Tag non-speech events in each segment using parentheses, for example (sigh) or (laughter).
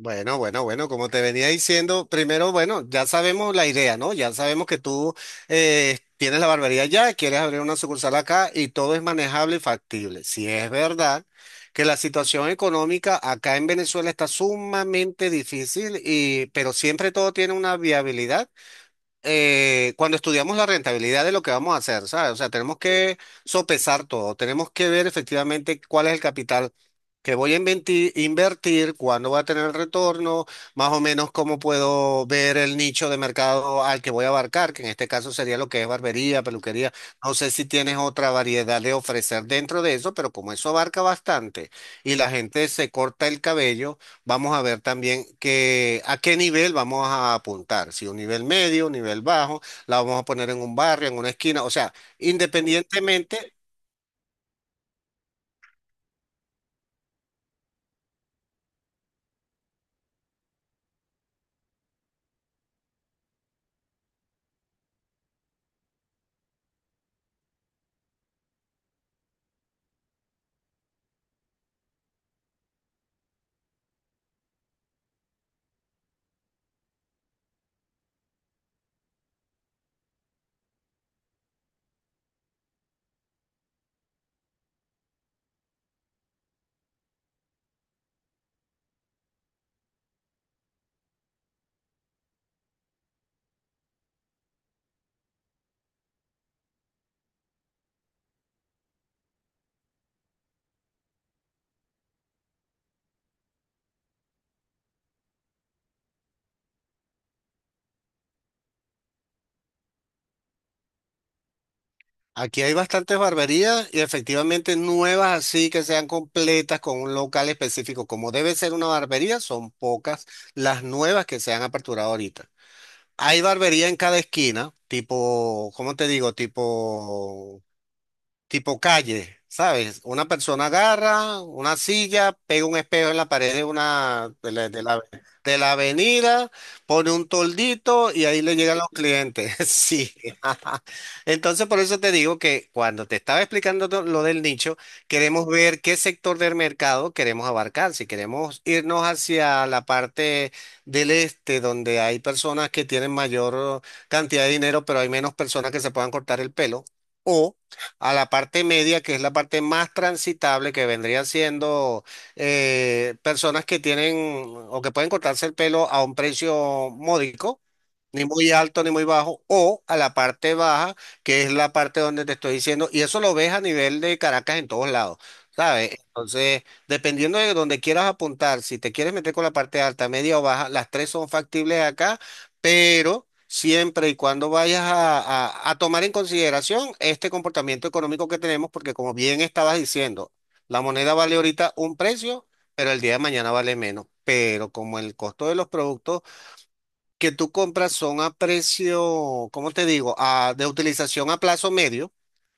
Bueno, bueno, bueno, como te venía diciendo, primero, bueno, ya sabemos la idea, ¿no? Ya sabemos que tú tienes la barbería ya, quieres abrir una sucursal acá y todo es manejable y factible. Si es verdad que la situación económica acá en Venezuela está sumamente difícil y, pero siempre todo tiene una viabilidad. Eh, cuando estudiamos la rentabilidad de lo que vamos a hacer, ¿sabes? O sea, tenemos que sopesar todo, tenemos que ver efectivamente cuál es el capital que voy a invertir, cuándo va a tener el retorno, más o menos cómo puedo ver el nicho de mercado al que voy a abarcar, que en este caso sería lo que es barbería, peluquería. No sé si tienes otra variedad de ofrecer dentro de eso, pero como eso abarca bastante y la gente se corta el cabello, vamos a ver también que, a qué nivel vamos a apuntar, si un nivel medio, un nivel bajo, la vamos a poner en un barrio, en una esquina, o sea, sí, independientemente. Aquí hay bastantes barberías y efectivamente nuevas así que sean completas con un local específico, como debe ser una barbería, son pocas las nuevas que se han aperturado ahorita. Hay barbería en cada esquina, tipo, ¿cómo te digo? Tipo calle, ¿sabes? Una persona agarra una silla, pega un espejo en la pared de una de la avenida, pone un toldito y ahí le llegan los clientes. (laughs) Sí. (laughs) Entonces, por eso te digo que cuando te estaba explicando lo del nicho, queremos ver qué sector del mercado queremos abarcar. Si queremos irnos hacia la parte del este, donde hay personas que tienen mayor cantidad de dinero, pero hay menos personas que se puedan cortar el pelo. O a la parte media, que es la parte más transitable, que vendrían siendo personas que tienen o que pueden cortarse el pelo a un precio módico, ni muy alto ni muy bajo, o a la parte baja, que es la parte donde te estoy diciendo, y eso lo ves a nivel de Caracas en todos lados, ¿sabes? Entonces, dependiendo de donde quieras apuntar, si te quieres meter con la parte alta, media o baja, las tres son factibles acá, pero... siempre y cuando vayas a, a tomar en consideración este comportamiento económico que tenemos, porque como bien estabas diciendo, la moneda vale ahorita un precio, pero el día de mañana vale menos. Pero como el costo de los productos que tú compras son a precio, ¿cómo te digo? A, de utilización a plazo medio.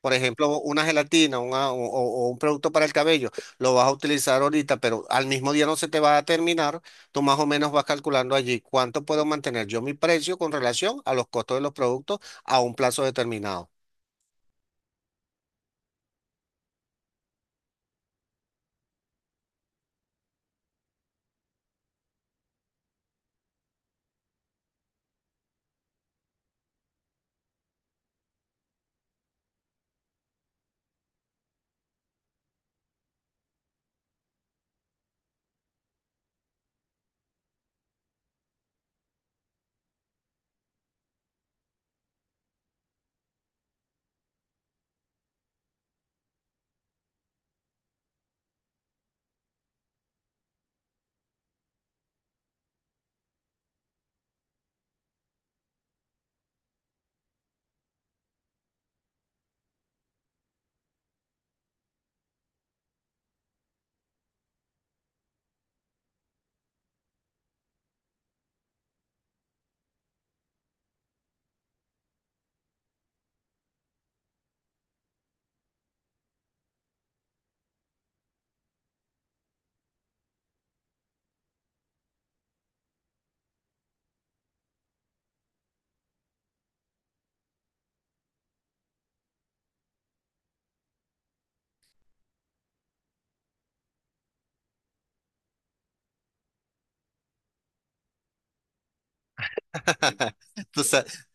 Por ejemplo, una gelatina o, o un producto para el cabello, lo vas a utilizar ahorita, pero al mismo día no se te va a terminar. Tú más o menos vas calculando allí cuánto puedo mantener yo mi precio con relación a los costos de los productos a un plazo determinado. (laughs) Tú sabes,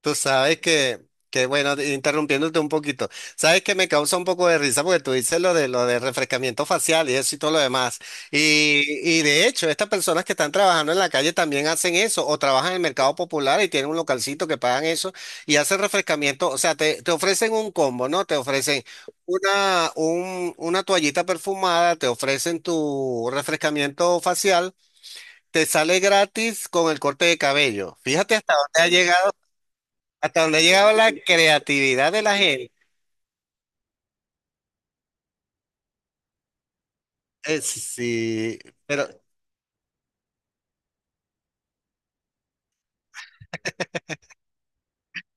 tú sabes que bueno, interrumpiéndote un poquito, sabes que me causa un poco de risa porque tú dices lo de refrescamiento facial y eso y todo lo demás. Y de hecho, estas personas que están trabajando en la calle también hacen eso, o trabajan en el mercado popular y tienen un localcito que pagan eso y hacen refrescamiento. O sea, te ofrecen un combo, ¿no? Te ofrecen una, una toallita perfumada, te ofrecen tu refrescamiento facial, te sale gratis con el corte de cabello. Fíjate hasta dónde ha llegado. Hasta donde llegaba la creatividad de la gente. Sí, pero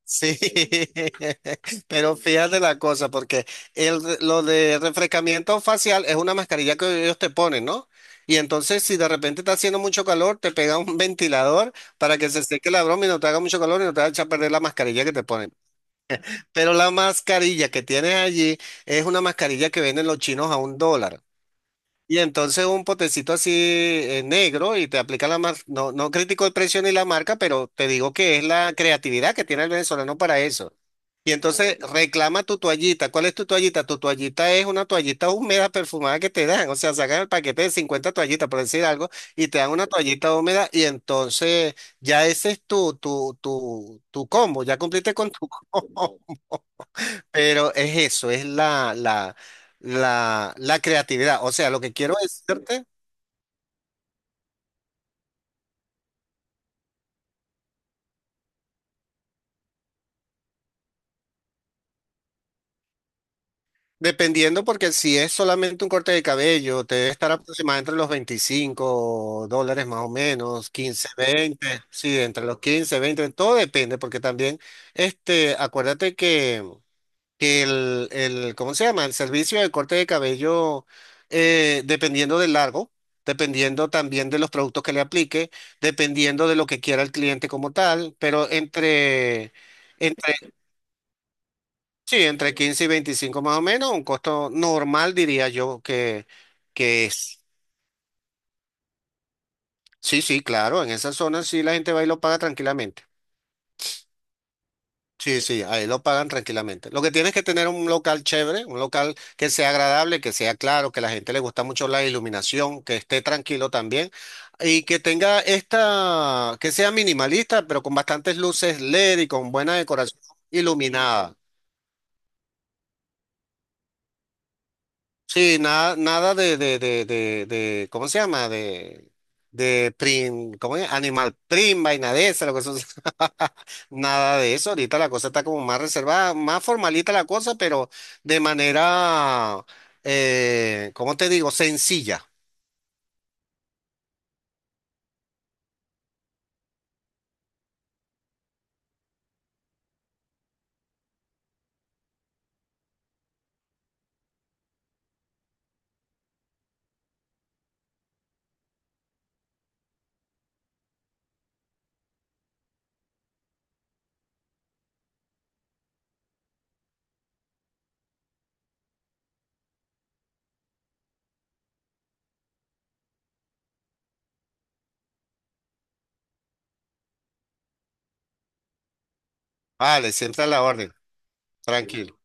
sí, (laughs) pero fíjate la cosa, porque el, lo de refrescamiento facial es una mascarilla que ellos te ponen, ¿no? Y entonces, si de repente está haciendo mucho calor, te pega un (laughs) ventilador para que se seque la broma y no te haga mucho calor y no te vaya a echar a perder la mascarilla que te ponen. Pero la mascarilla que tienes allí es una mascarilla que venden los chinos a $1. Y entonces un potecito así negro y te aplica la marca. No, no critico el precio ni la marca, pero te digo que es la creatividad que tiene el venezolano para eso. Y entonces reclama tu toallita. ¿Cuál es tu toallita? Tu toallita es una toallita húmeda perfumada que te dan. O sea, sacan el paquete de 50 toallitas, por decir algo, y te dan una toallita húmeda y entonces ya ese es tu combo. Ya cumpliste con tu (laughs) combo. Pero es eso, es la creatividad. O sea, lo que quiero decirte. Dependiendo, porque si es solamente un corte de cabello, te debe estar aproximadamente entre los $25 más o menos, 15, 20 sí, entre los 15, 20 todo depende, porque también, este, acuérdate que el, ¿cómo se llama? El servicio de corte de cabello, dependiendo del largo, dependiendo también de los productos que le aplique, dependiendo de lo que quiera el cliente como tal, pero entre... Sí, entre 15 y 25 más o menos, un costo normal diría yo que es. Sí, sí, claro, en esa zona sí la gente va y lo paga tranquilamente. Sí, sí, ahí lo pagan tranquilamente. Lo que tienes que tener un local chévere, un local que sea agradable, que sea claro, que a la gente le gusta mucho la iluminación, que esté tranquilo también y que tenga esta, que sea minimalista, pero con bastantes luces LED y con buena decoración iluminada. Sí, nada, nada ¿cómo se llama? De prim, ¿cómo es? Animal prim, vaina de esa, lo que (laughs) nada de eso. Ahorita la cosa está como más reservada, más formalita la cosa, pero de manera, ¿cómo te digo? Sencilla. Vale, siempre a la orden. Tranquilo.